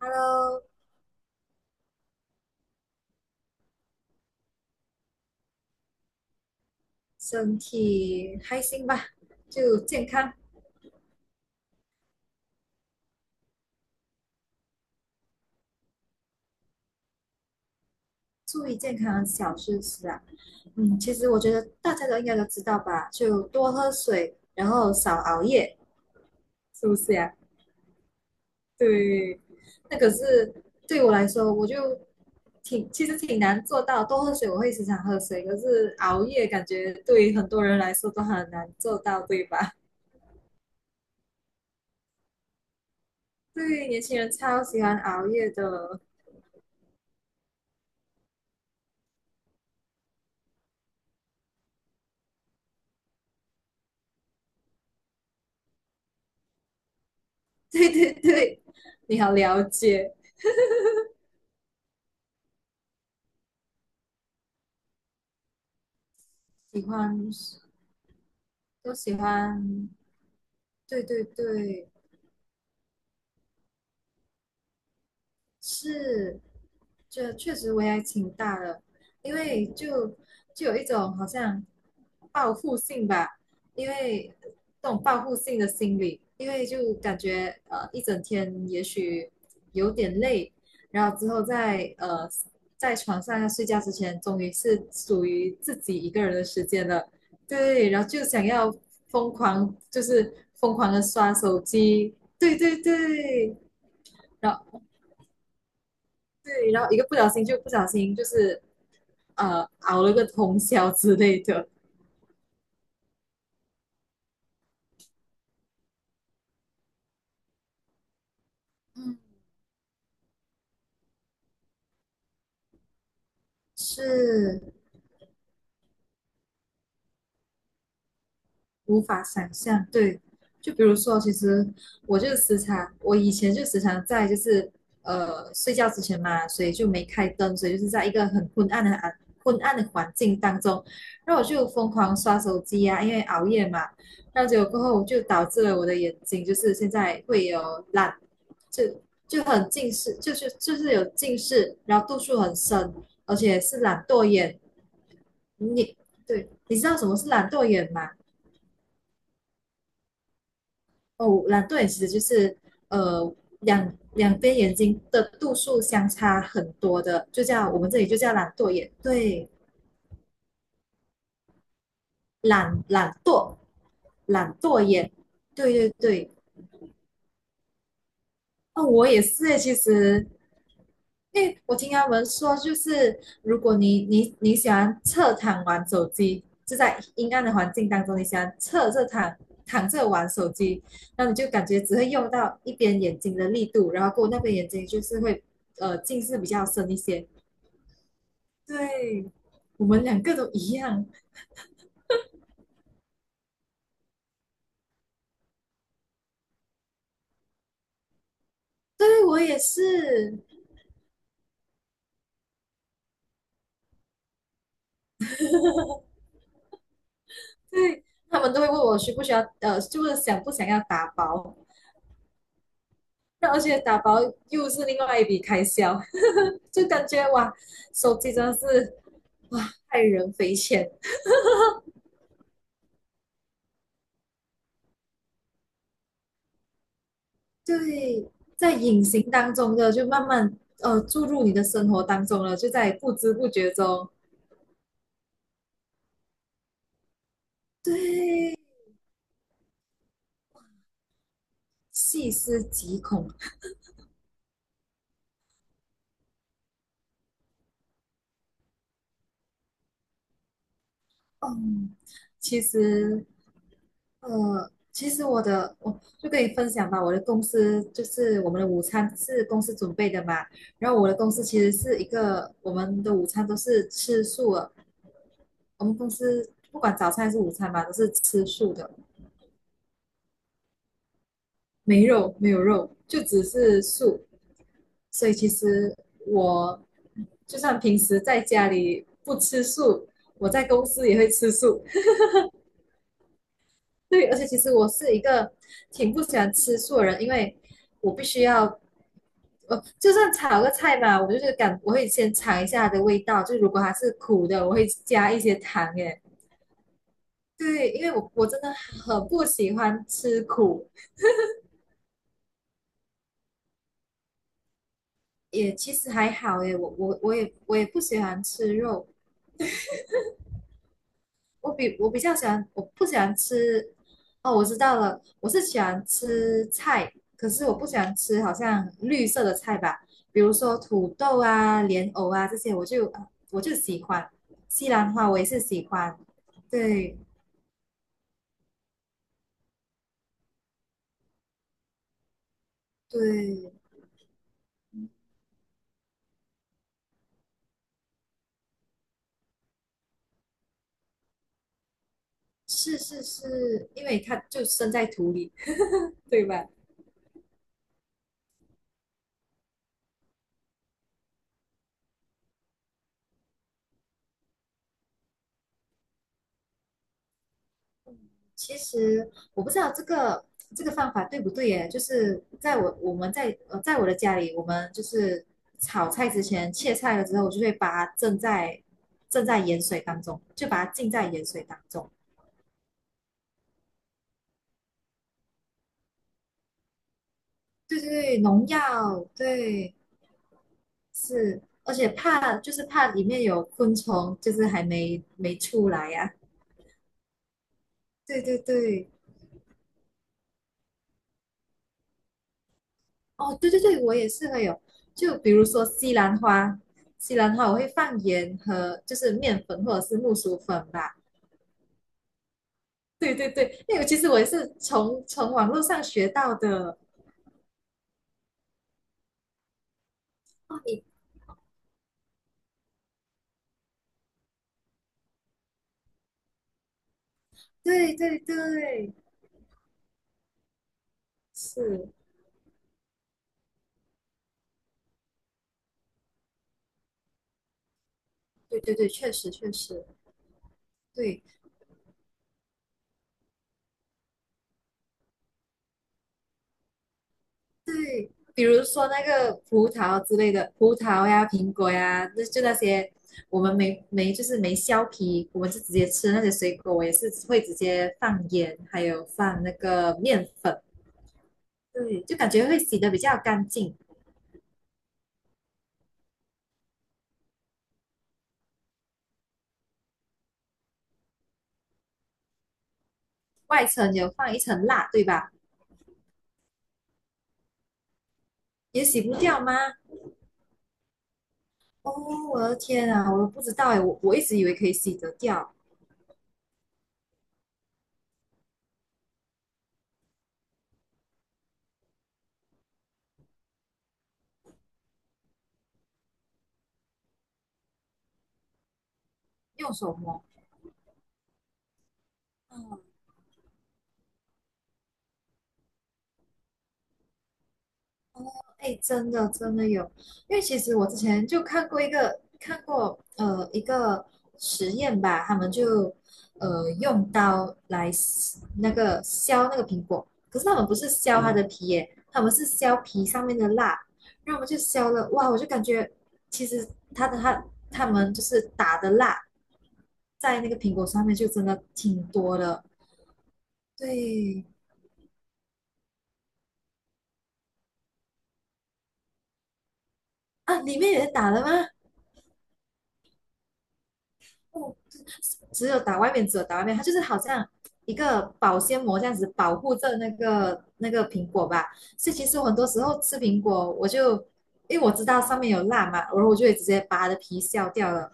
Hello。身体开心吧，就健康，注意健康小事是啊。其实我觉得大家都应该都知道吧，就多喝水，然后少熬夜，是不是呀？对，那可是对我来说，我就其实挺难做到。多喝水我会时常喝水，可是熬夜感觉对很多人来说都很难做到，对吧？对，年轻人超喜欢熬夜的。对对对，你好了解。喜欢，都喜欢，对对对，是，这确实危害挺大的，因为就有一种好像报复性吧，因为这种报复性的心理，因为就感觉一整天也许有点累，然后之后在床上要睡觉之前，终于是属于自己一个人的时间了。对，然后就想要疯狂，就是疯狂的刷手机，对对对。然后对，然后一个不小心就是熬了个通宵之类的。嗯是无法想象。对，就比如说，其实我以前就时常在就是睡觉之前嘛，所以就没开灯，所以就是在一个很昏暗的环境当中，然后我就疯狂刷手机啊，因为熬夜嘛，然后结果过后就导致了我的眼睛就是现在会懒，就就很近视，就是有近视，然后度数很深，而且是懒惰眼。你对，你知道什么是懒惰眼吗？哦，懒惰眼其实就是呃两边眼睛的度数相差很多的，就叫我们这里就叫懒惰眼。对，懒惰，懒惰眼。对对对，那我也是诶，其实因为我听他们说，就是如果你喜欢侧躺玩手机，就在阴暗的环境当中，你喜欢侧着躺着玩手机，那你就感觉只会用到一边眼睛的力度，然后过后那边眼睛就是会近视比较深一些。对，我们两个都一样。对我也是。对，他们都会问我需不需要就是想不想要打包。那而且打包又是另外一笔开销，就感觉哇，手机真的是哇，害人匪浅。对，在隐形当中的就慢慢注入你的生活当中了，就在不知不觉中。对，细思极恐。嗯，其实其实我就跟你分享吧，我的公司就是我们的午餐是公司准备的嘛，然后我的公司其实是一个我们的午餐都是吃素的，我们公司不管早餐还是午餐嘛，都是吃素的，没有肉，就只是素。所以其实我就算平时在家里不吃素，我在公司也会吃素。对，而且其实我是一个挺不喜欢吃素的人，因为我必须要，就算炒个菜嘛，我就是感我会先尝一下它的味道，就如果它是苦的，我会加一些糖。耶。对，因为我真的很不喜欢吃苦，也其实还好耶，我也不喜欢吃肉，我比较喜欢，我不喜欢吃。哦，我知道了，我是喜欢吃菜，可是我不喜欢吃好像绿色的菜吧，比如说土豆啊、莲藕啊这些，我就喜欢。西兰花我也是喜欢，对对，是是是，因为它就生在土里，对吧？其实我不知道这个方法对不对耶，就是在我们在我的家里，我们就是炒菜之前切菜了之后，我就会把它浸在盐水当中，就把它浸在盐水当中。对对对，农药，对是，而且怕就是怕里面有昆虫，就是还没出来呀、对对对，哦，对对对，我也是会有。就比如说西兰花我会放盐和就是面粉或者是木薯粉吧。对对对，那个其实我也是从网络上学到的。哦，对对对，是，对对对，确实确实，对。对，比如说那个葡萄啊之类的，葡萄呀、苹果呀，那那些我们没没就是没削皮，我们是直接吃那些水果，我也是会直接放盐，还有放那个面粉，对，就感觉会洗的比较干净，外层有放一层蜡，对吧？也洗不掉吗？哦，我的天啊，我不知道哎，我一直以为可以洗得掉，用手摸。哦哎，真的真的有，因为其实我之前就看过一个实验吧，他们就用刀来撕那个削那个苹果，可是他们不是削它的皮耶，他们是削皮上面的蜡，然后我们就削了，哇，我就感觉其实他的他他们就是打的蜡在那个苹果上面就真的挺多的，对啊，里面也打了吗？不只有打外面，只有打外面，它就是好像一个保鲜膜这样子保护着那个苹果吧。所以其实我很多时候吃苹果，因为我知道上面有蜡嘛，然后我就会直接把它的皮削掉了。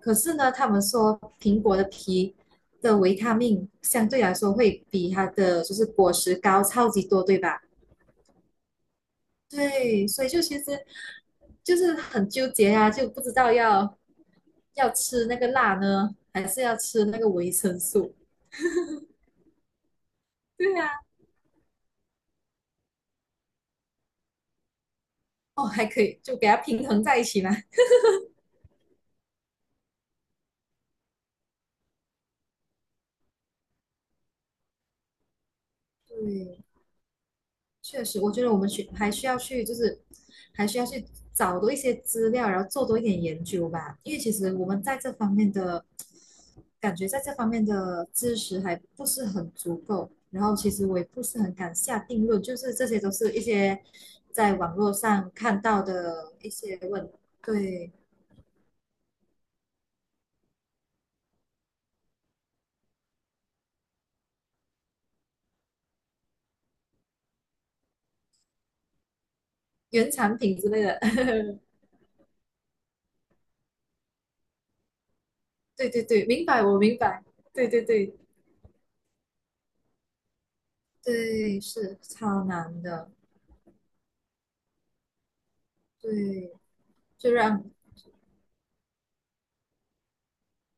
可是呢，他们说苹果的皮的维他命相对来说会比它的就是果实高超级多，对吧？对，所以就其实就是很纠结啊，就不知道要吃那个辣呢，还是要吃那个维生素。对啊，哦，还可以就给它平衡在一起嘛。对，确实，我觉得我们去还需要去，就是还需要去找多一些资料，然后做多一点研究吧。因为其实我们在这方面的知识还不是很足够。然后其实我也不是很敢下定论，就是这些都是一些在网络上看到的一些，对，原产品之类的。对对对，明白，我明白。对对对对，是超难的。对，就让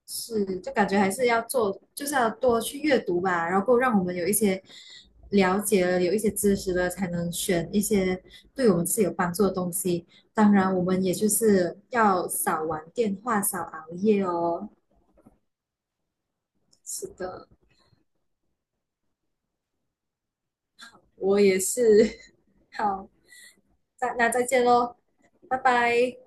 是，就感觉还是要做，就是要多去阅读吧，然后让我们有一些了解了，有一些知识了，才能选一些对我们自己有帮助的东西。当然，我们也就是要少玩电话，少熬夜哦。是的，我也是。好，再见喽，拜拜。